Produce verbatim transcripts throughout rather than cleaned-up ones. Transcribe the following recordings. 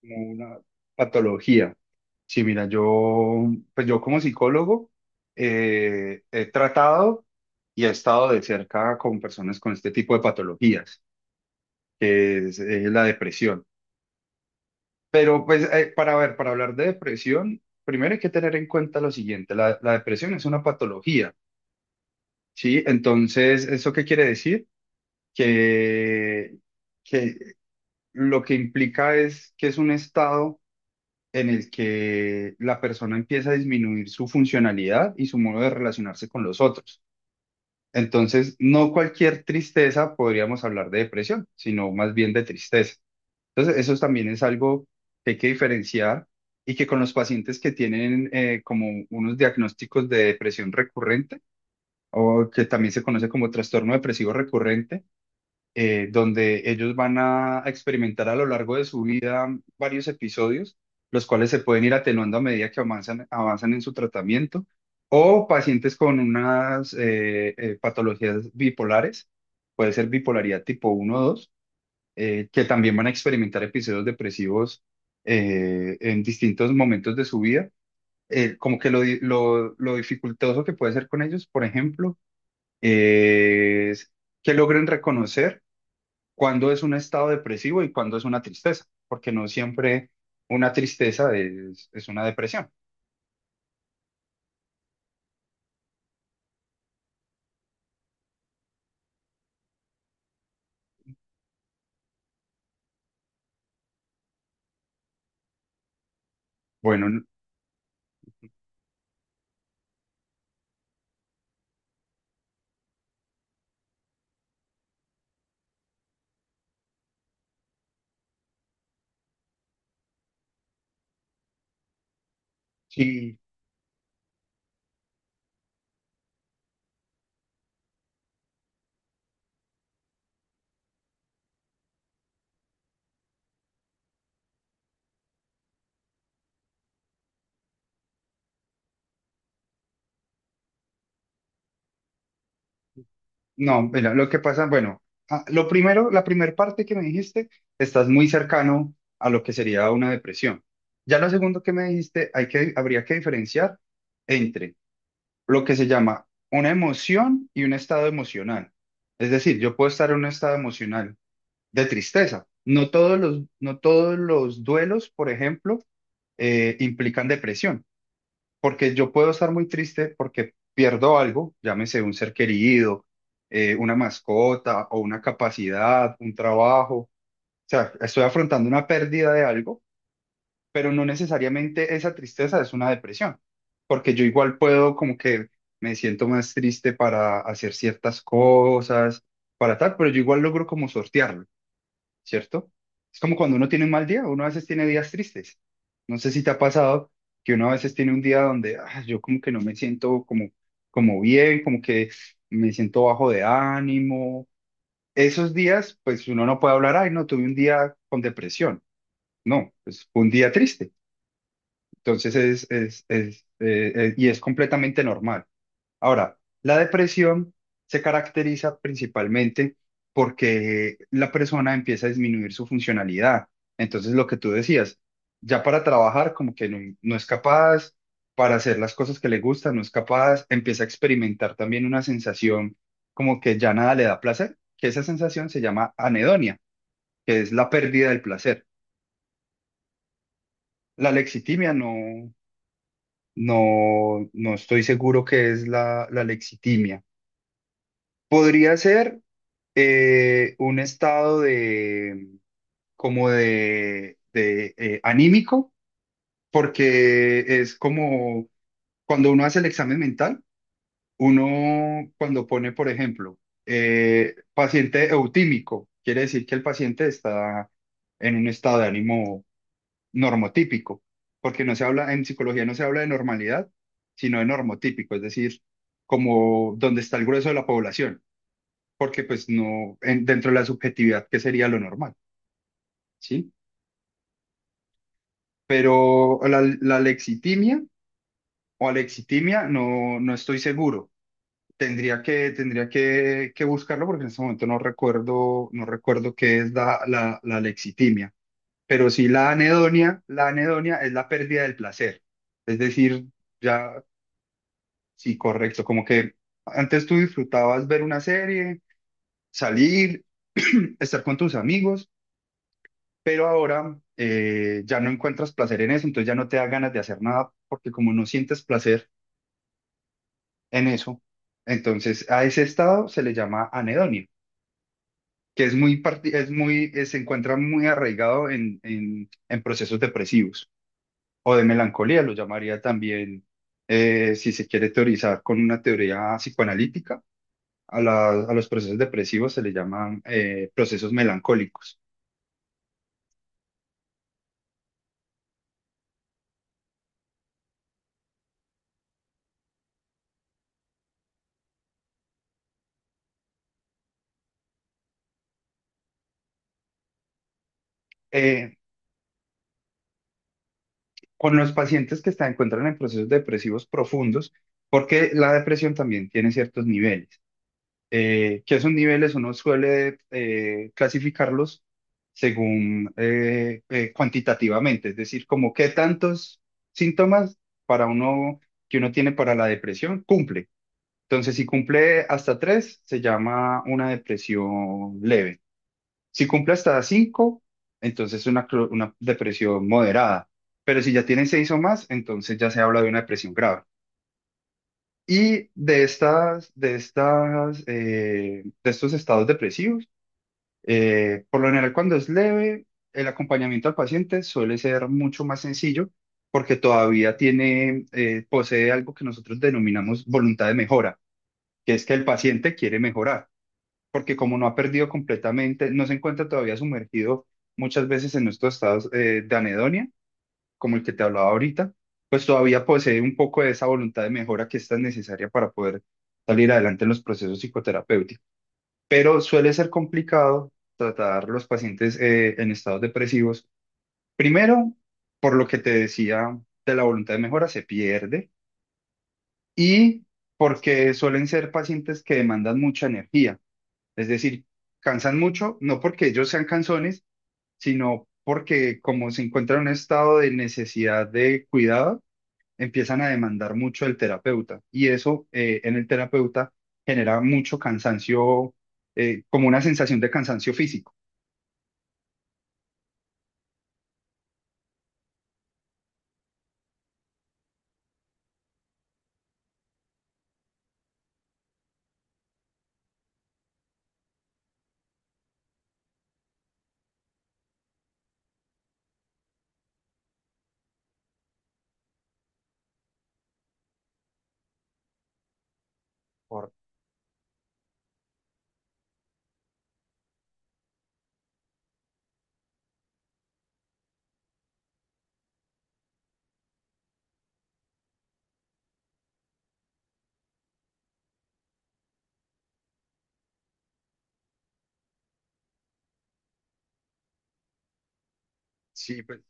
Como una patología. Sí, mira, yo, pues yo como psicólogo eh, he tratado y he estado de cerca con personas con este tipo de patologías, que es, eh, la depresión. Pero pues eh, para ver, para hablar de depresión, primero hay que tener en cuenta lo siguiente, la, la depresión es una patología, ¿sí? Entonces, ¿eso qué quiere decir? Que, que lo que implica es que es un estado en el que la persona empieza a disminuir su funcionalidad y su modo de relacionarse con los otros. Entonces, no cualquier tristeza podríamos hablar de depresión, sino más bien de tristeza. Entonces, eso también es algo que hay que diferenciar y que con los pacientes que tienen eh, como unos diagnósticos de depresión recurrente o que también se conoce como trastorno depresivo recurrente, eh, donde ellos van a experimentar a lo largo de su vida varios episodios, los cuales se pueden ir atenuando a medida que avanzan, avanzan en su tratamiento, o pacientes con unas eh, eh, patologías bipolares, puede ser bipolaridad tipo uno o dos eh, que también van a experimentar episodios depresivos eh, en distintos momentos de su vida. Eh, como que lo, di- lo, lo dificultoso que puede ser con ellos, por ejemplo, es que logren reconocer cuándo es un estado depresivo y cuándo es una tristeza, porque no siempre una tristeza es, es una depresión. Bueno, n- sí, no, mira, lo que pasa, bueno, ah, lo primero, la primera parte que me dijiste, estás muy cercano a lo que sería una depresión. Ya lo segundo que me dijiste, hay que, habría que diferenciar entre lo que se llama una emoción y un estado emocional. Es decir, yo puedo estar en un estado emocional de tristeza. No todos los, no todos los duelos, por ejemplo, eh, implican depresión, porque yo puedo estar muy triste porque pierdo algo, llámese un ser querido, eh, una mascota o una capacidad, un trabajo, o sea, estoy afrontando una pérdida de algo, pero no necesariamente esa tristeza es una depresión, porque yo igual puedo como que me siento más triste para hacer ciertas cosas, para tal, pero yo igual logro como sortearlo. ¿Cierto? Es como cuando uno tiene un mal día, uno a veces tiene días tristes. No sé si te ha pasado que uno a veces tiene un día donde "Ah, yo como que no me siento como, como bien, como que me siento bajo de ánimo". Esos días, pues uno no puede hablar, ay, no, tuve un día con depresión. No, pues fue un día triste. Entonces es, es, es, eh, eh, y es completamente normal. Ahora, la depresión se caracteriza principalmente porque la persona empieza a disminuir su funcionalidad. Entonces, lo que tú decías, ya para trabajar como que no, no es capaz, para hacer las cosas que le gustan, no es capaz, empieza a experimentar también una sensación como que ya nada le da placer, que esa sensación se llama anedonia, que es la pérdida del placer. La lexitimia no, no, no estoy seguro qué es la, la lexitimia. Podría ser eh, un estado de como de, de, eh, anímico, porque es como cuando uno hace el examen mental, uno cuando pone, por ejemplo, eh, paciente eutímico, quiere decir que el paciente está en un estado de ánimo normotípico, porque no se habla, en psicología no se habla de normalidad, sino de normotípico, es decir, como donde está el grueso de la población, porque pues no, en- dentro de la subjetividad, ¿qué sería lo normal? ¿Sí? Pero la, la alexitimia o alexitimia no, no estoy seguro. Tendría que, tendría que, que buscarlo porque en este momento no recuerdo, no recuerdo qué es la, la, la alexitimia. Pero sí la anedonia, la anedonia es la pérdida del placer. Es decir, ya, sí, correcto, como que antes tú disfrutabas ver una serie, salir, estar con tus amigos. Pero ahora eh, ya no encuentras placer en eso, entonces ya no te da ganas de hacer nada porque como no sientes placer en eso, entonces a ese estado se le llama anedonia, que es muy, parti- es muy, eh, se encuentra muy arraigado en, en, en procesos depresivos o de melancolía, lo llamaría también, eh, si se quiere teorizar con una teoría psicoanalítica, a, la- a los procesos depresivos se le llaman eh, procesos melancólicos. Eh, con los pacientes que se encuentran en procesos depresivos profundos, porque la depresión también tiene ciertos niveles. Eh, que esos niveles uno suele eh, clasificarlos según eh, eh, cuantitativamente, es decir, como qué tantos síntomas para uno que uno tiene para la depresión cumple. Entonces, si cumple hasta tres, se llama una depresión leve. Si cumple hasta cinco, entonces es una, cro- una depresión moderada. Pero si ya tiene seis o más, entonces ya se habla de una depresión grave. Y de estas, de estas, eh, de estos estados depresivos, eh, por lo general cuando es leve, el acompañamiento al paciente suele ser mucho más sencillo porque todavía tiene, eh, posee algo que nosotros denominamos voluntad de mejora, que es que el paciente quiere mejorar porque como no ha perdido completamente, no se encuentra todavía sumergido muchas veces en estos estados eh, de anedonia, como el que te hablaba ahorita, pues todavía posee un poco de esa voluntad de mejora que es tan necesaria para poder salir adelante en los procesos psicoterapéuticos. Pero suele ser complicado tratar los pacientes eh, en estados depresivos. Primero, por lo que te decía de la voluntad de mejora, se pierde y porque suelen ser pacientes que demandan mucha energía. Es decir, cansan mucho, no porque ellos sean cansones, sino porque como se encuentran en un estado de necesidad de cuidado, empiezan a demandar mucho del terapeuta. Y eso eh, en el terapeuta genera mucho cansancio, eh, como una sensación de cansancio físico. Por, sí, pues,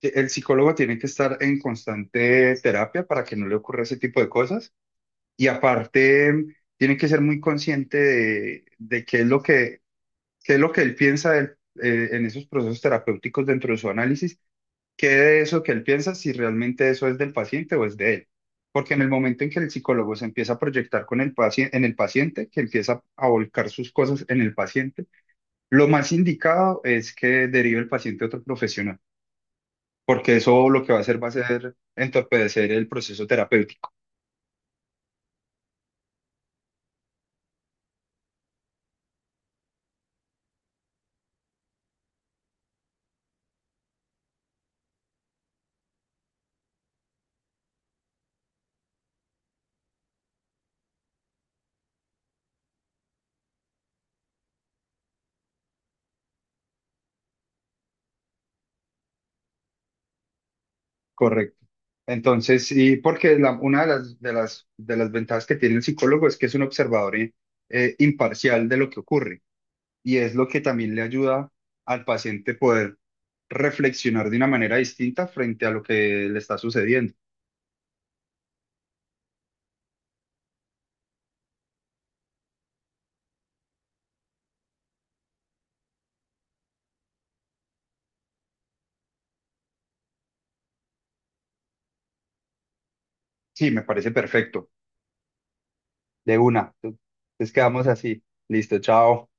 que el psicólogo tiene que estar en constante terapia para que no le ocurra ese tipo de cosas. Y aparte, tiene que ser muy consciente de, de qué es lo que qué es lo que él piensa del- eh, en esos procesos terapéuticos dentro de su análisis, qué de eso que él piensa, si realmente eso es del paciente o es de él. Porque en el momento en que el psicólogo se empieza a proyectar con el paciente, en el paciente, que empieza a volcar sus cosas en el paciente, lo más indicado es que derive el paciente a otro profesional, porque eso lo que va a hacer va a ser entorpecer el proceso terapéutico. Correcto. Entonces, sí, porque la- una de las, de las, de las, ventajas que tiene el psicólogo es que es un observador eh, eh, imparcial de lo que ocurre y es lo que también le ayuda al paciente poder reflexionar de una manera distinta frente a lo que le está sucediendo. Sí, me parece perfecto. De una. Entonces quedamos así. Listo, chao.